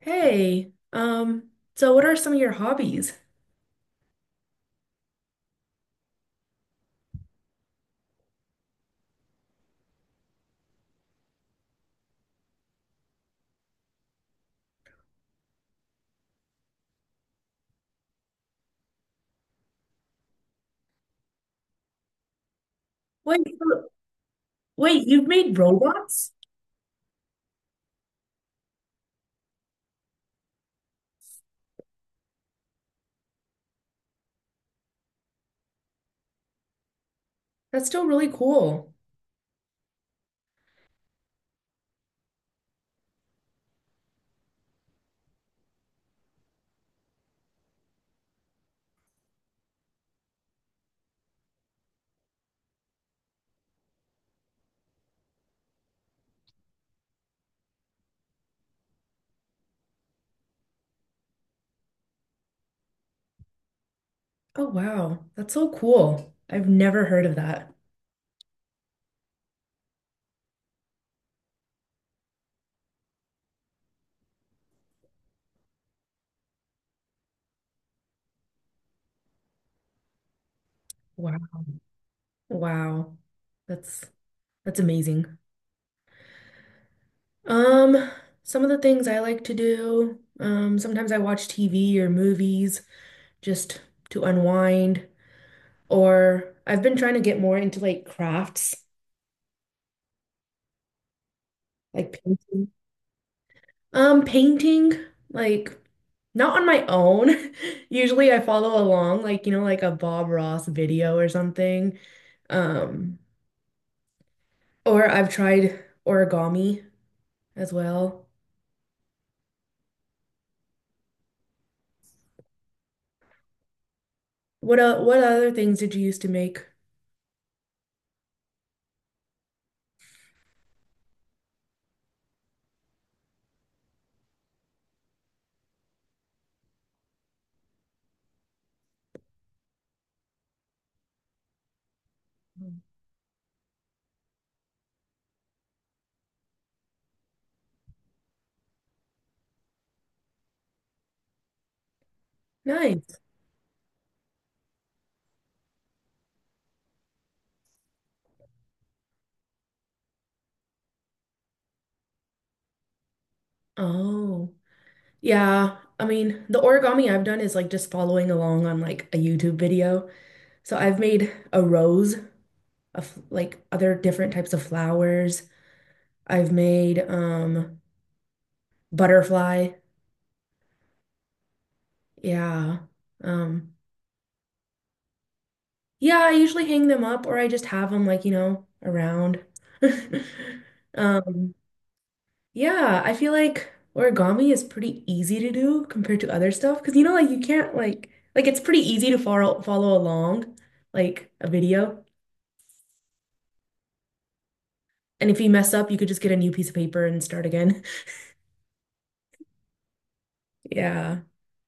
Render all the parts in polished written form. Hey, so what are some of your hobbies? Wait, so- wait, you've made robots? That's still really cool. Oh wow, that's so cool. I've never heard of that. Wow. Wow. That's that's amazing. Um, some of the things I like to do, sometimes I watch TV or movies just to unwind, or I've been trying to get more into like crafts, like painting. Painting, like not on my own. Usually I follow along, like, you know, like a Bob Ross video or something. Um, or I've tried origami as well. What other things did you used to make? Nice. Oh, yeah. I mean, the origami I've done is like just following along on like a YouTube video. So I've made a rose of like other different types of flowers. I've made butterfly. Yeah. Um, yeah, I usually hang them up or I just have them like, you know, around. Um, yeah, I feel like origami is pretty easy to do compared to other stuff because you know, like you can't like it's pretty easy to follow along like a video. And if you mess up, you could just get a new piece of paper and start again. Yeah.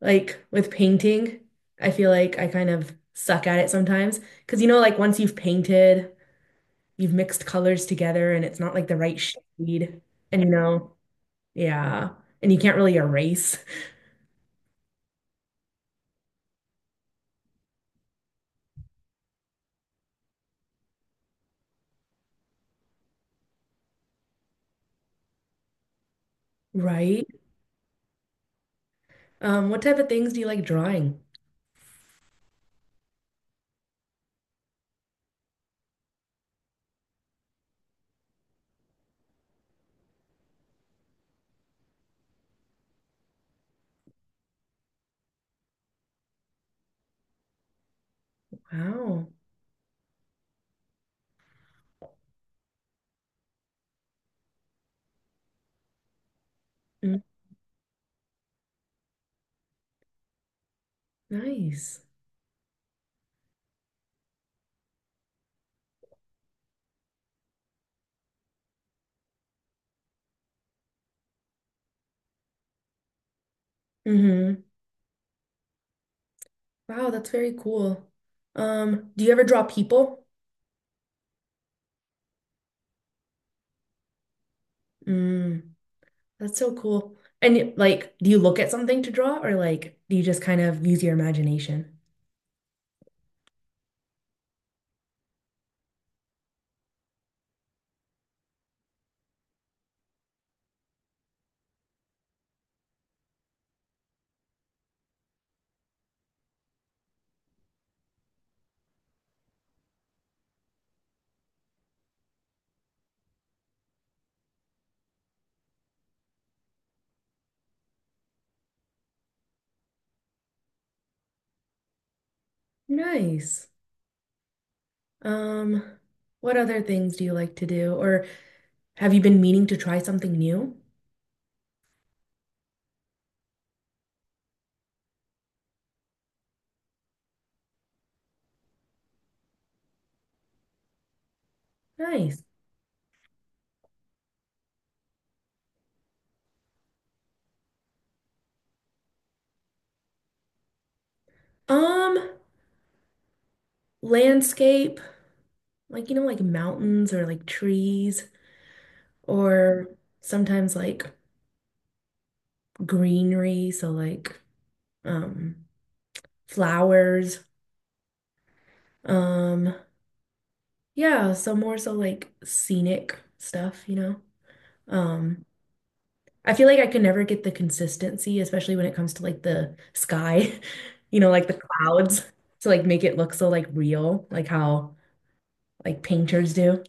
Like with painting, I feel like I kind of suck at it sometimes because you know, like once you've painted you've mixed colors together and it's not like the right shade. And you know, yeah. And you can't really erase, right? What type of things do you like drawing? Wow. Mm, nice. Mm-hmm. Wow, that's very cool. Do you ever draw people? Mm. That's so cool. And like, do you look at something to draw or like do you just kind of use your imagination? Nice. Um, what other things do you like to do or have you been meaning to try something new? Nice. Um, landscape. Like you know like mountains or like trees or sometimes like greenery, so like um flowers. um yeah, so more so like scenic stuff, you know. um I feel like I could never get the consistency, especially when it comes to like the sky, you know, like the clouds, to like make it look so like real, like how like painters do.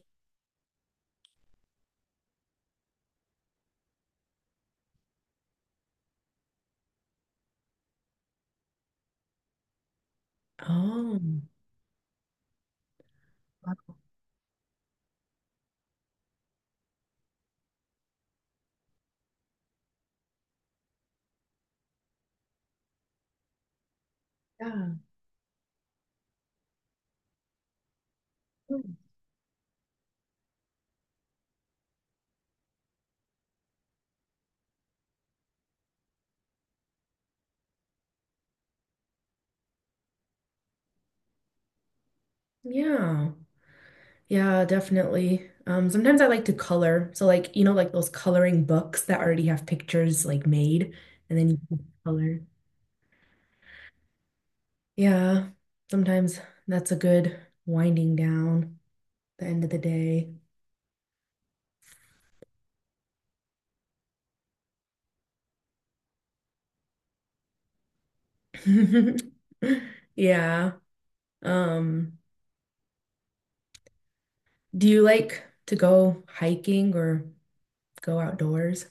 Oh, yeah. Yeah. Yeah, definitely. Sometimes I like to color. So like, you know, like those coloring books that already have pictures like made and then you can color. Yeah, sometimes that's a good winding down the end of the day. Yeah. Um, do you like to go hiking or go outdoors?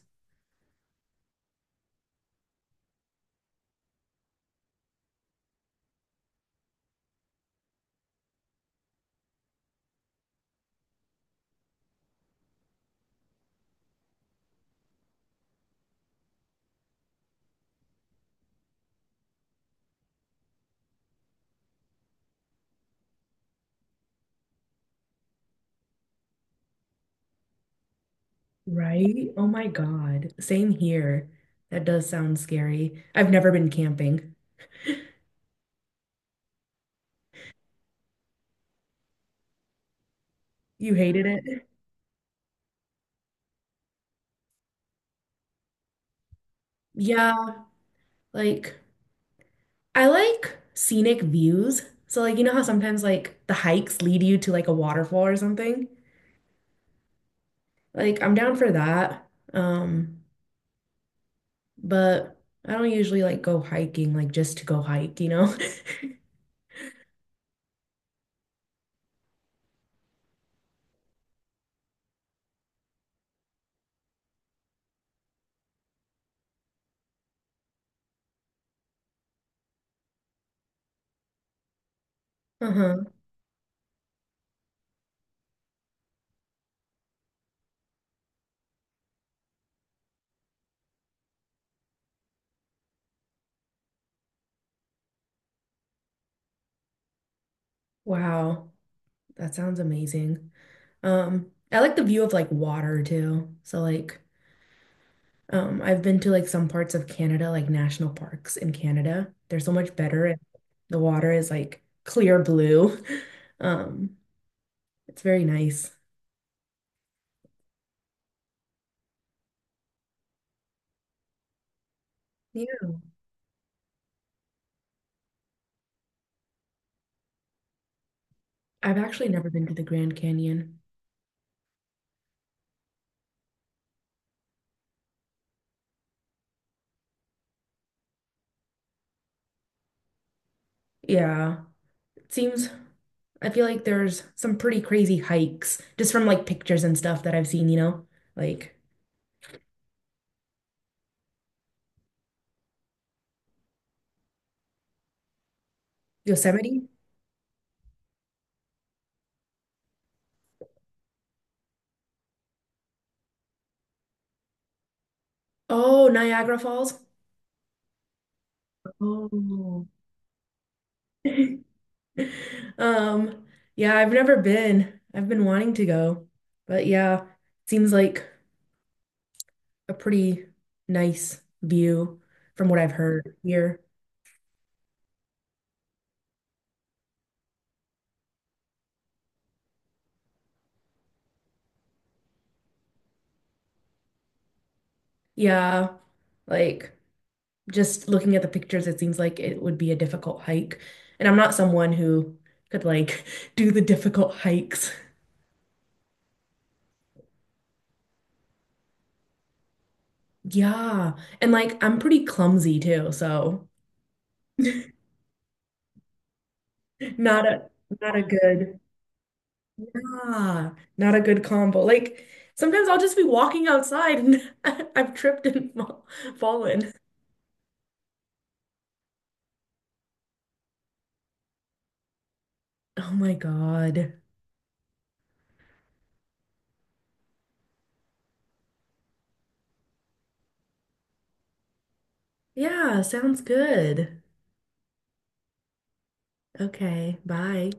Right? Oh my God. Same here. That does sound scary. I've never been camping. You hated it? Yeah, like I like scenic views. So like you know how sometimes like the hikes lead you to like a waterfall or something? Like I'm down for that. Um, but I don't usually like go hiking like just to go hike, you know? Uh-huh. Wow. That sounds amazing. I like the view of like water too. So like I've been to like some parts of Canada, like national parks in Canada. They're so much better and the water is like clear blue. Um it's very nice. Yeah. I've actually never been to the Grand Canyon. Yeah, it seems, I feel like there's some pretty crazy hikes just from like pictures and stuff that I've seen, you know, like Yosemite? Oh, Niagara Falls. Oh. Um, yeah, I've never been. I've been wanting to go, but yeah, seems like a pretty nice view from what I've heard here. Yeah, like just looking at the pictures, it seems like it would be a difficult hike. And I'm not someone who could like do the difficult hikes. Yeah. And like I'm pretty clumsy too, so not a not a good ah, not a good combo. Like sometimes I'll just be walking outside and I've tripped and fallen. Oh my God. Yeah, sounds good. Okay, bye.